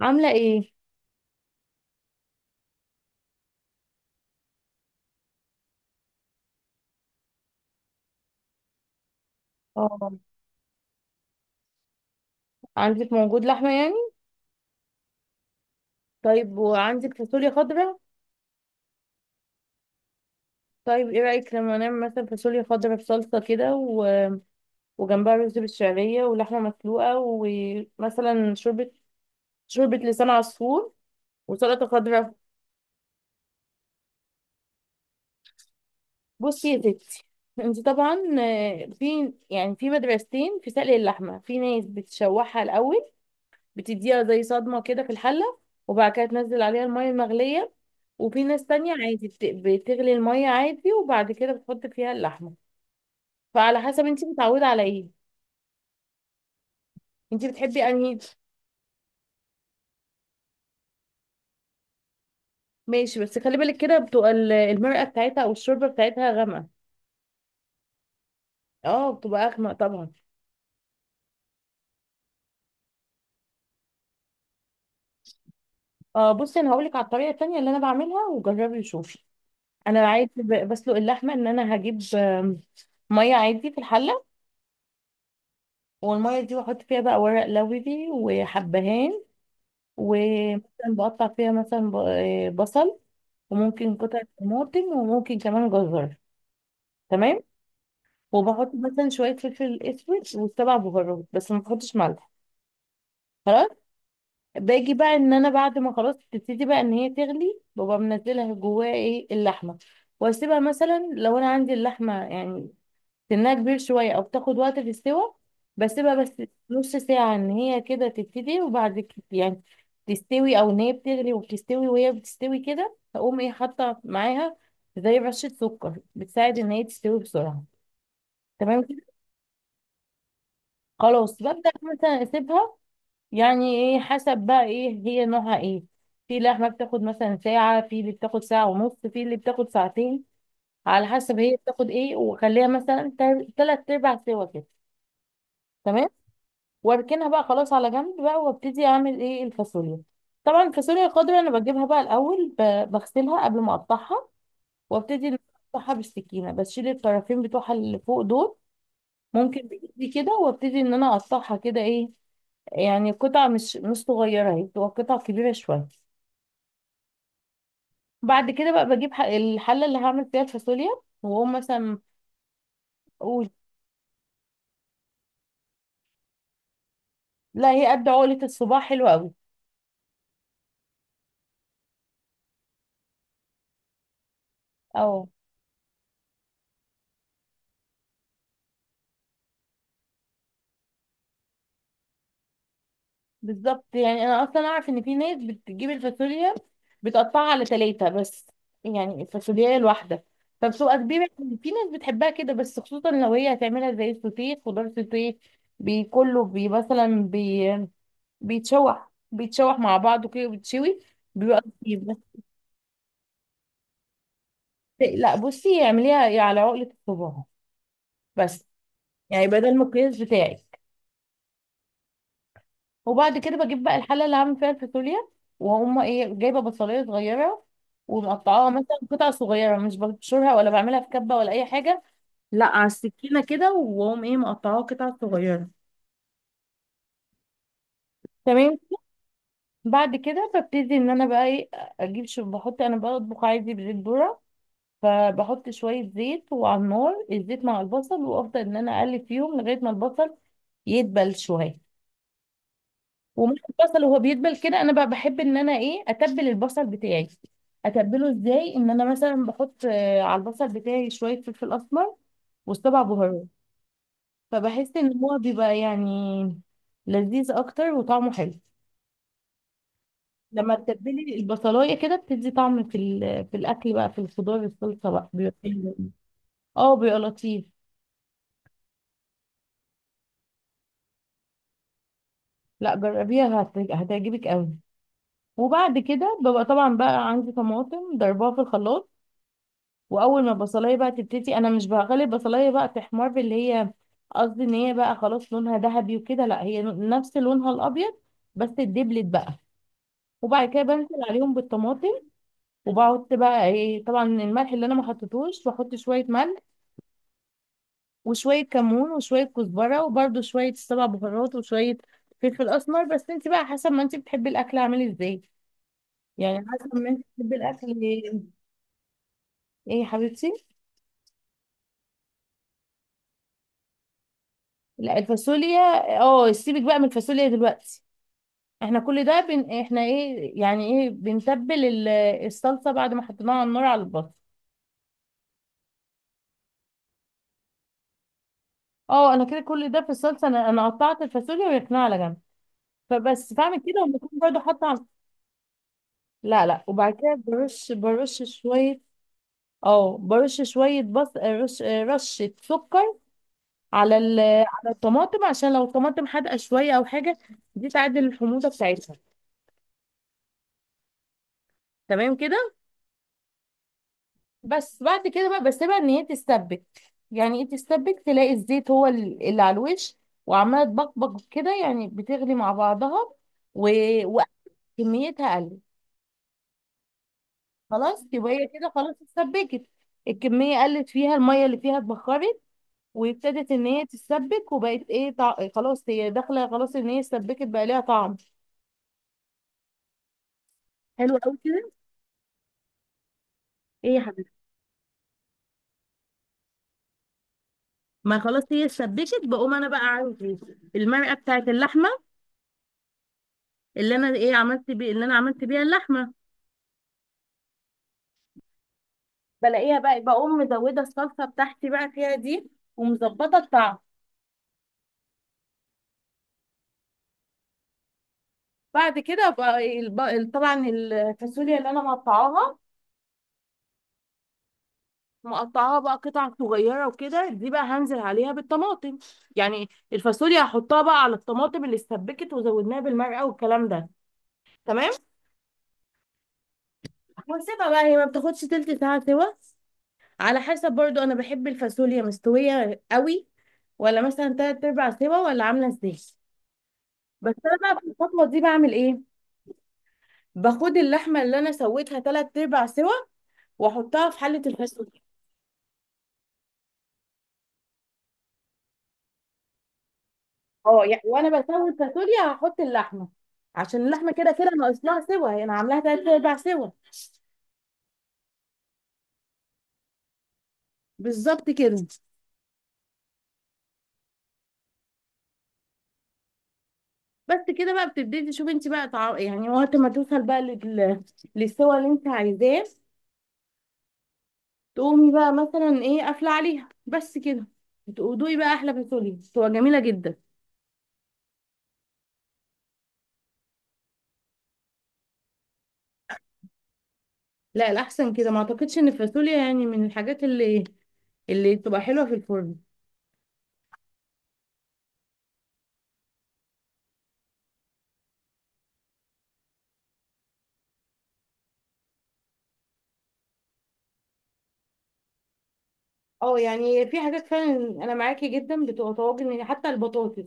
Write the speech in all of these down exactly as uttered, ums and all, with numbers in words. عاملة ايه؟ اه عندك موجود لحمة يعني؟ طيب، وعندك فاصوليا خضراء؟ طيب، ايه رأيك لما نعمل مثلا فاصوليا خضراء بصلصة كده و... وجنبها رز بالشعرية ولحمة مسلوقة، ومثلا شوربة، شوربة لسان عصفور، وسلطة خضراء. بصي يا ستي، انت طبعا آه، في يعني في مدرستين في سلق اللحمة. في ناس بتشوحها الأول، بتديها زي صدمة كده في الحلة، وبعد كده تنزل عليها المية المغلية. وفي ناس تانية عادي بت- بتغلي المية عادي وبعد كده بتحط فيها اللحمة. فعلى حسب انت متعودة على ايه. انت بتحبي انهي؟ ماشي، بس خلي بالك كده بتبقى ال- المرقة بتاعتها او الشوربة بتاعتها غامقة. اه، بتبقى اغمق طبعا. اه بصي، انا هقولك على الطريقة التانية اللي انا بعملها، وجربي وشوفي. انا عادي ب- بسلق اللحمة ان انا هجيب آم، مية عادي في الحلة. والمية دي بحط فيها بقى ورق لوري وحبهان، ومثلا بقطع فيها مثلا ب- آه، بصل، وممكن قطع طماطم، وممكن كمان جزر. تمام. وبحط مثلا شوية فلفل اسود وسبع بهارات، بس ما بحطش ملح. باجي بقى ان انا بعد ما خلاص تبتدي بقى ان هي تغلي، ببقى منزلها جواها ايه اللحمة. واسيبها مثلا لو انا عندي اللحمة يعني سنها كبير شوية أو بتاخد وقت في السوا، بسيبها بس نص ساعة إن هي كده تبتدي، وبعد كده يعني تستوي أو إن هي بتغلي وبتستوي. وهي بتستوي كده هقوم إيه حاطة معاها زي رشة سكر بتساعد إن هي تستوي بسرعة. تمام كده. خلاص ببدأ مثلا أسيبها، يعني إيه حسب بقى إيه هي نوعها إيه. في لحمة بتاخد مثلا ساعة، في اللي بتاخد ساعة ونص، في اللي بتاخد ساعتين، على حسب هي بتاخد إيه. وخليها مثلا تل- تلات أرباع سوا كده. تمام. واركنها بقى خلاص على جنب بقى، وابتدي اعمل ايه الفاصوليا. طبعا الفاصوليا الخضراء انا بجيبها بقى الاول ب- بغسلها قبل ما اقطعها، وابتدي ان أنا اقطعها بالسكينه، بشيل الطرفين بتوعها اللي فوق دول، ممكن بايدي كده. وابتدي ان انا اقطعها كده ايه، يعني قطع مش مش صغيره، هي بتبقى قطع كبيره شويه. بعد كده بقى بجيب ح- الحله اللي هعمل فيها الفاصوليا، واقوم مثلا اقول. لا، هي قد عقله الصباع، حلوه قوي. اه. بالظبط، يعني انا اصلا اعرف ان في ناس بتجيب الفاصوليا بتقطعها على ثلاثة بس، يعني الفاصوليا الواحده فبتبقى كبيره. في ناس بتحبها كده، بس خصوصا لو هي هتعملها زي السوتيه، خضار سوتيه، بي- كله بي مثلا بي بيتشوح بيتشوح مع بعضه كده بيتشوي، بيبقى كتير بس. لا بصي، اعمليها على عقلة الصباع بس، يعني بدل ما القياس بتاعي. وبعد كده بجيب بقى الحله اللي هعمل فيها الفاصوليا، وهم ايه، جايبه بصلايه صغيره ومقطعاها مثلا قطع صغيره، مش ببشرها ولا بعملها في كبه ولا اي حاجه، لا على السكينه كده. واقوم ايه، مقطعاها قطع صغيره. تمام. بعد كده ببتدي ان انا بقى ايه، اجيب شو، بحط انا بطبخ عادي بزيت ذره، فبحط شويه زيت وعلى النار الزيت مع البصل، وافضل ان انا اقلب فيهم لغايه ما البصل يدبل شويه. ومع البصل وهو بيدبل كده، انا بقى بحب ان انا ايه اتبل البصل بتاعي. اتبله ازاي؟ ان انا مثلا بحط آه، على البصل بتاعي شويه فلفل اسمر وسبع بهارات، فبحس ان هو بيبقى يعني لذيذ اكتر وطعمه حلو. لما تتبلي البصلايه كده بتدي طعم في ال- في الاكل بقى، في الخضار، الصلصه بقى بيبقى حلو. اه، بيبقى لطيف. لا جربيها هت- هتعجبك قوي. وبعد كده ببقى طبعا بقى عندي طماطم ضربها في الخلاط. واول ما البصلايه بقى تبتدي، انا مش بغلي البصلايه بقى تحمر اللي هي، قصدي ان هي بقى خلاص لونها ذهبي وكده، لا، هي نفس لونها الابيض بس اتدبلت بقى. وبعد كده بنزل عليهم بالطماطم، وبحط بقى ايه، طبعا الملح اللي انا ما حطيتوش، بحط شويه ملح وشويه كمون وشويه كزبره، وبرده شويه سبع بهارات، وشويه فلفل اسمر، بس انت بقى حسب ما انت بتحبي الاكل عامل ازاي، يعني حسب ما انت بتحبي الاكل ايه. إيه يا حبيبتي؟ لا الفاصوليا، اه سيبك بقى من الفاصوليا دلوقتي. احنا كل ده بن... احنا ايه، يعني ايه، بنتبل ال- الصلصه بعد ما حطيناها على النار على البصل. اه انا كده كل ده في الصلصه، انا انا قطعت الفاصوليا ويقنع على جنب. فبس بعمل كده وبكون برضه حاطه على... لا لا، وبعد كده برش برش شويه. اه، برش شويه بص، رش رشه سكر على ال... على الطماطم، عشان لو الطماطم حادقه شويه او حاجه، دي تعدل الحموضه بتاعتها. تمام كده. بس بعد كده بقى بسيبها ان هي تستبك. يعني ايه تستبك؟ تلاقي الزيت هو ال- اللي على الوش وعماله تبقبق كده، يعني بتغلي مع بعضها و... وكميتها قلت. خلاص، يبقى هي كده خلاص اتسبكت. الكميه قلت، فيها الميه اللي فيها اتبخرت، وابتدت ان هي تتسبك، وبقت ايه طع... خلاص هي داخله، خلاص ان هي اتسبكت بقى ليها طعم. حلو قوي كده. ايه يا حبيبتي؟ ما خلاص هي اتسبكت، بقوم انا بقى عندي المرقه بتاعت اللحمه اللي انا ايه عملت بيه، اللي انا عملت بيها اللحمه، بلاقيها بقى، بقوم مزوده الصلصه بتاعتي بقى فيها دي، ومظبطه الطعم. بعد كده بقى الب- ال- طبعا الفاصوليا اللي انا مقطعاها مقطعاها بقى قطع صغيره وكده دي، بقى هنزل عليها بالطماطم. يعني الفاصوليا هحطها بقى على الطماطم اللي اتسبكت، وزودناها بالمرقه والكلام ده. تمام. واسيبها بقى هي ما بتاخدش تلت ساعه سوا، على حسب برضو، انا بحب الفاصوليا مستويه قوي، ولا مثلا تلات ارباع سوا، ولا عامله ازاي. بس انا بقى في الخطوه دي بعمل ايه؟ باخد اللحمه اللي انا سويتها تلات ارباع سوا، واحطها في حله الفاصوليا. اه، يعني وانا بسوي الفاصوليا هحط اللحمه، عشان اللحمه كده كده ناقص لها سوا. انا يعني انا عاملاها تلات ارباع سوا. بالظبط كده. بس كده بقى بتبتدي تشوفي انت بقى طع... يعني وقت ما توصل بقى لل... للسوا اللي انت عايزاه، تقومي بقى مثلا ايه قافله عليها، بس كده. وتقضي بقى احلى فاصوليا، بتبقى جميله جدا. لا الاحسن كده، ما اعتقدش ان الفاصوليا يعني من الحاجات اللي اللي بتبقى حلوه في الفرن. اه يعني في حاجات فعلا انا معاكي جدا بتبقى طواجن، يعني حتى البطاطس،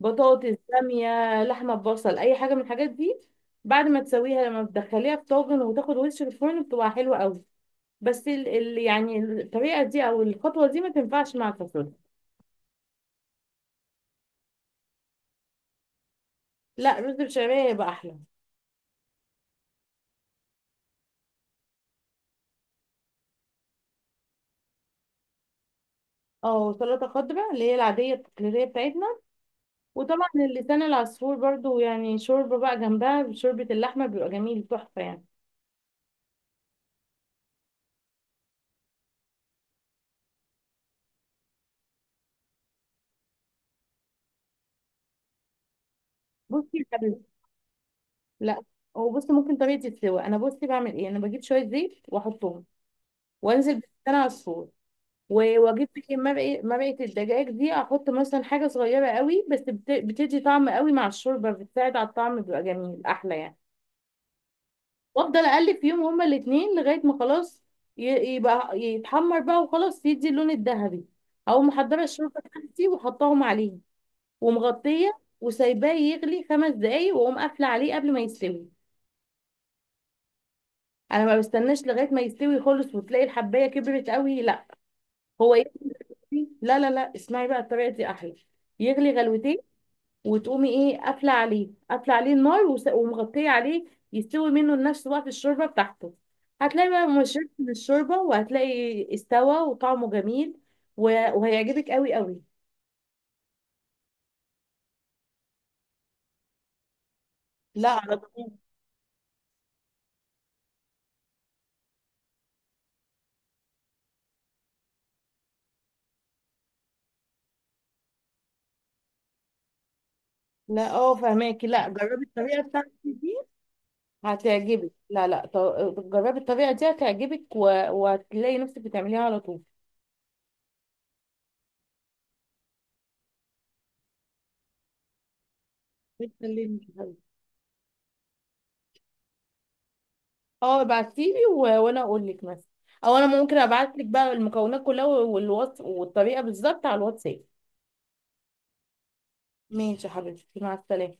بطاطس، باميه، لحمه ببصل، اي حاجه من الحاجات دي بعد ما تسويها لما بتدخليها في طاجن وتاخد وش في الفرن بتبقى حلوه قوي. بس ال ال يعني الطريقه دي او الخطوه دي ما تنفعش مع الفاصوليا. لا، رز بشعريه يبقى احلى. اه، سلطه خضراء اللي هي العاديه التقليديه بتاعتنا، وطبعا اللسان العصفور برضو، يعني شوربه بقى جنبها، شوربه اللحمه، بيبقى جميل تحفه يعني. بصي. لا، هو بصي، ممكن طريقه السوا، انا بصي بعمل ايه، انا بجيب شويه زيت واحطهم وانزل بالسمنه على الفرن، و- واجيب بقى إيه مرقه مرقه الدجاج دي، احط مثلا حاجه صغيره قوي بس بت- بتدي طعم قوي مع الشوربه، بتساعد على الطعم بيبقى جميل احلى يعني. وافضل اقلب فيهم هما الاثنين لغايه ما خلاص ي- يبقى يتحمر بقى وخلاص يدي اللون الذهبي. او محضره الشوربه بتاعتي وحطاهم عليه، ومغطيه، وسايباه يغلي خمس دقايق، واقوم قافله عليه قبل ما يستوي. انا ما بستناش لغايه ما يستوي خالص وتلاقي الحبايه كبرت قوي. لا، هو يغلي. لا لا لا، اسمعي بقى الطريقه دي احلى، يغلي غلوتين وتقومي ايه قافله عليه قافله عليه النار، وس- ومغطيه عليه، يستوي منه لنفس وقت الشوربه بتاعته. هتلاقي بقى مشرب من الشوربه، وهتلاقي استوى وطعمه جميل، و- وهيعجبك قوي قوي. لا على طول. لا اه فهماكي، لا جربي الطريقه بتاعتي دي هتعجبك. لا لا ط- جربي الطريقه دي هتعجبك و- وهتلاقي نفسك بتعمليها على طول. بتكلمني يا حبيبتي. اه ابعتيلي و... وانا اقول لك مثلا، او انا ممكن ابعت لك بقى المكونات كلها والوصف والطريقه بالظبط على الواتساب. ماشي يا حبيبتي، مع السلامه.